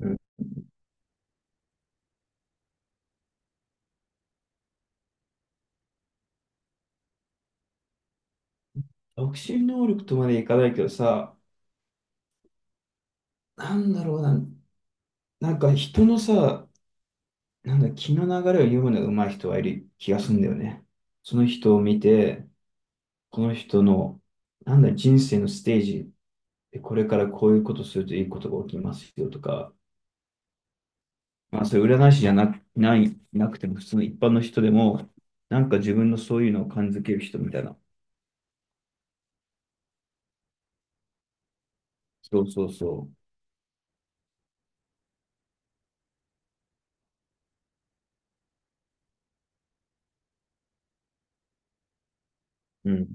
うん。独身能力とまでいかないけどさ、なんだろうな、なんか人のさ、なんだ、気の流れを読むのが上手い人はいる気がするんだよね。その人を見て、この人の、なんだ、人生のステージでこれからこういうことするといいことが起きますよとか、まあ、それ占い師じゃな、ない、なくても普通の一般の人でも、なんか自分のそういうのを感づける人みたいな。そうそうそう。うん。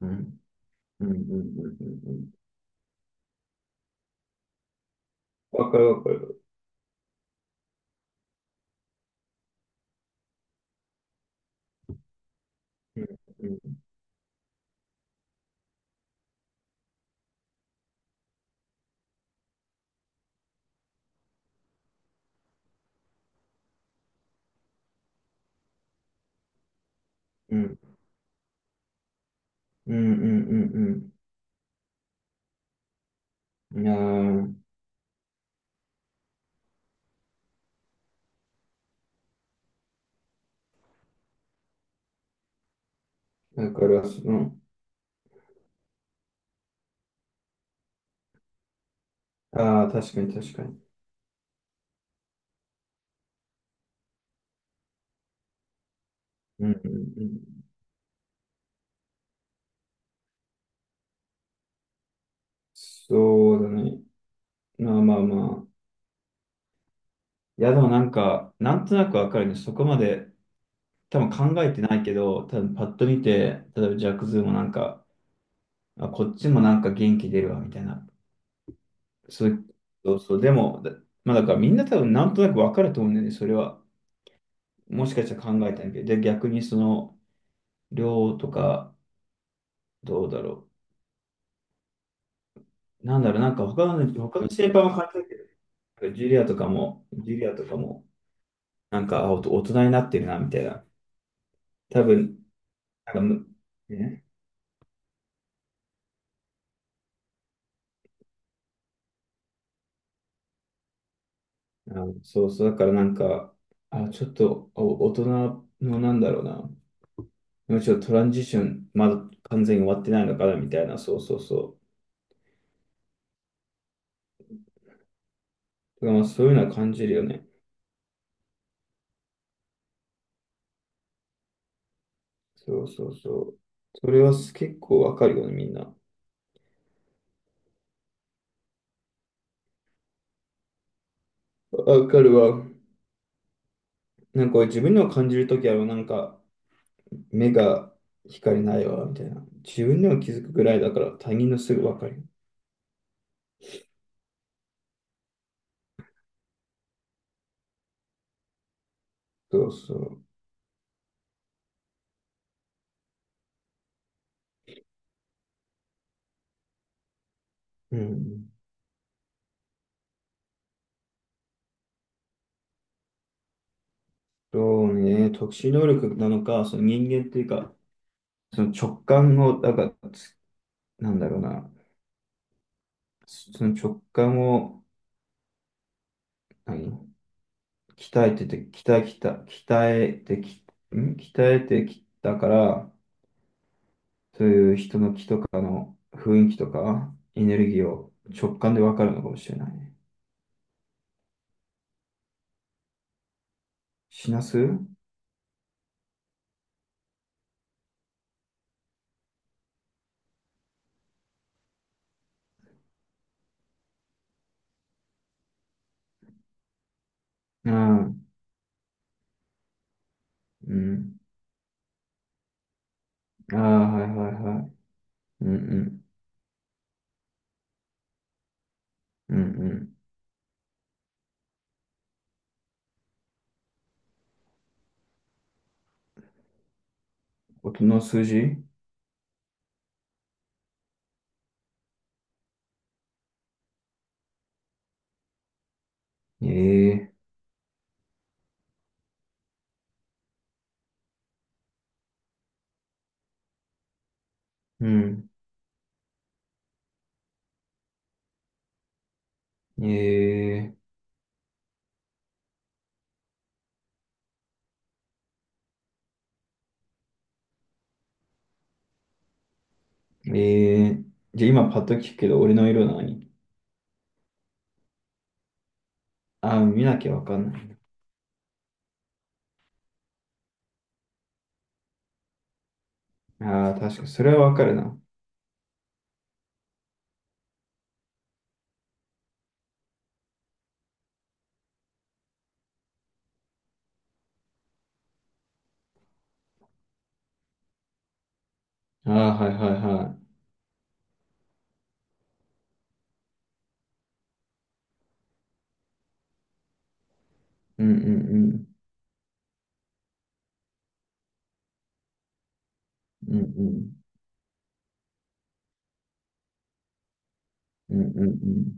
うん。うん。うん。うん。うん。うん。わかるわかる。うん。うん。うん。うん。うん。うん。うん。いやー、だからその、ああ、確かに確かに。うん。うん。うん。そうだね。まあまあまあ。いや、でもなんか、なんとなくわかるね。そこまで多分考えてないけど、多分パッと見て、例えばジャックズーもなんか、あ、こっちもなんか元気出るわ、みたいな。そういう、そうそう。でも、まあだからみんな多分なんとなくわかると思うんだよね。それは。もしかしたら考えたんだけど。で、逆にその、量とか、どうだろう。なんだろう、なんか他の先輩も感じたけど、なんかジュリアとかも、なんか、あ、大人になってるな、みたいな。多分、なんかむ、ね、あの、そうそう、だからなんか、あ、ちょっと、大人の、なんだろうな、もうちょっとトランジション、まだ完全に終わってないのかな、みたいな、そうそうそう。だからまあ、そういうのは感じるよね。そうそうそう。それは結構わかるよね、みんな。わかるわ。なんか自分の感じるときは、なんか、目が光ないわ、みたいな。自分でも気づくぐらいだから他人のすぐ分かる。そうそう。うん。そうね、特殊能力なのか、その人間っていうか、その直感を、だから、なんだろうな、その直感を、何、鍛えてて、鍛え、鍛え、鍛えてき、ん鍛えてきたから、そういう人の気とかの雰囲気とか、エネルギーを直感で分かるのかもしれないね。死なすうん。うん。ああ、はいはいはい。うんうん。うんうん。音の数字ええー。うん。ええー。ええー。じゃあ今パッと聞くけど、俺の色何？ああー、見なきゃわかんないな。ああ、確かに。それはわかるな。ああ、はいはいはい。うんうんうん。うんうん。うんうんうん。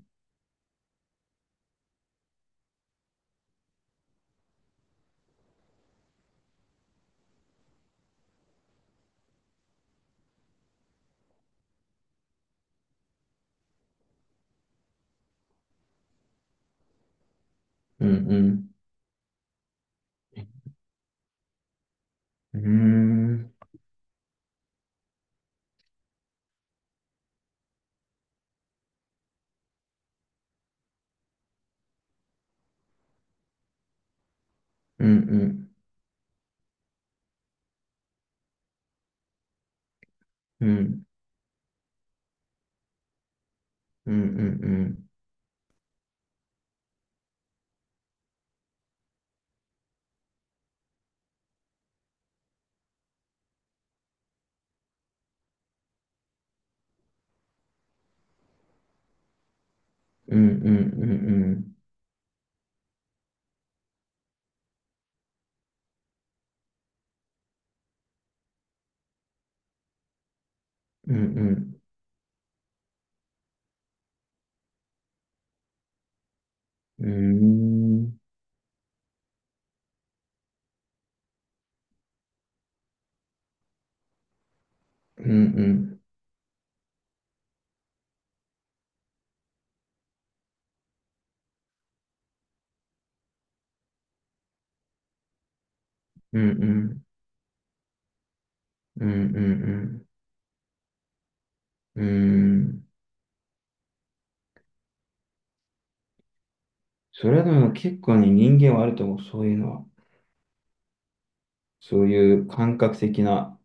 うんうん。うーん。うんうん。うんうんうん。うんうんうん。うんうんうん。うんうん。うんうん。うんうん。うんうんうん。うん。それはでも結構ね、人間はあると思う、そういうのは。そういう感覚的な、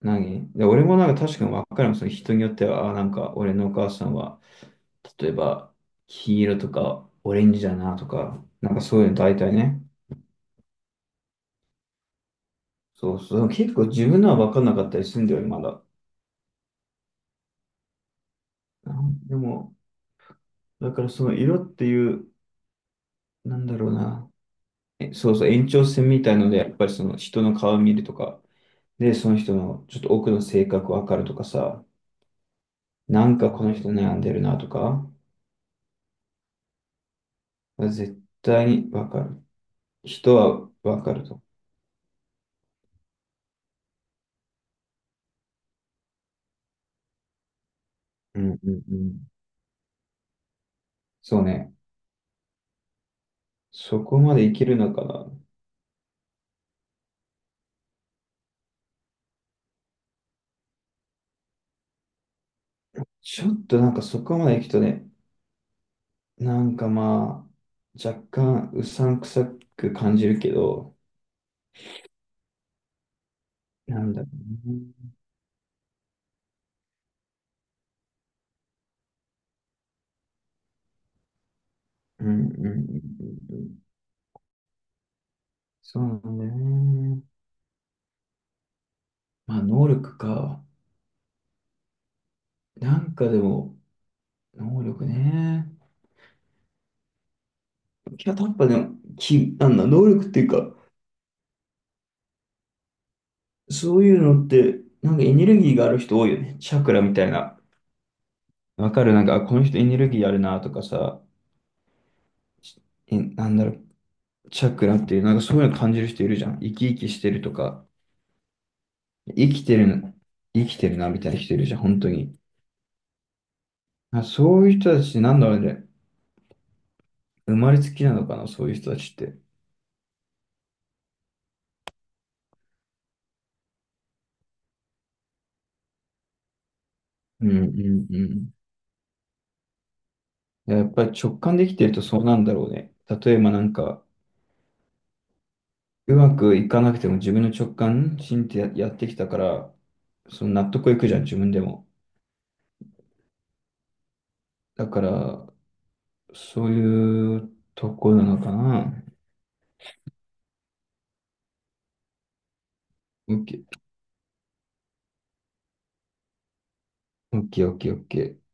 俺もなんか確かに分かるもん、その人によっては、あ、なんか俺のお母さんは、例えば、黄色とかオレンジだなとか、なんかそういうの大体ね。そうそう。結構自分のは分かんなかったりするんだよね、まだ。なんでも、だからその色っていう、なんだろうな。そうそう、延長線みたいので、やっぱりその人の顔見るとか、で、その人のちょっと奥の性格わかるとかさ、なんかこの人悩んでるなとか、絶対にわかる。人はわかると。うんうんうん。そうね。そこまでいけるのかな。ちょっとなんかそこまで行くとね、なんかまあ、若干うさんくさく感じるけど、なんだろうね。うんうんうんうんうん。そうなんだよね。まあ能力か。なんかでも、能力ね。キャタッパでもき、なんだ、能力っていうか、そういうのって、なんかエネルギーがある人多いよね。チャクラみたいな。わかるなんか、あこの人エネルギーあるなとかさ、え、なんだろう、チャクラっていう、なんかそういうの感じる人いるじゃん。生き生きしてるとか、生きてる生きてるなみたいな人いるじゃん、本当に。あ、そういう人たち、なんだろうね、生まれつきなのかな、そういう人たちって。うんうんうん。やっぱり直感できてるとそうなんだろうね。例えばなんか、うまくいかなくても自分の直感、信じてや、やってきたから、その納得いくじゃん、自分でも。だから、そういうとこなのかな。オッケー、オッケー、オッケー。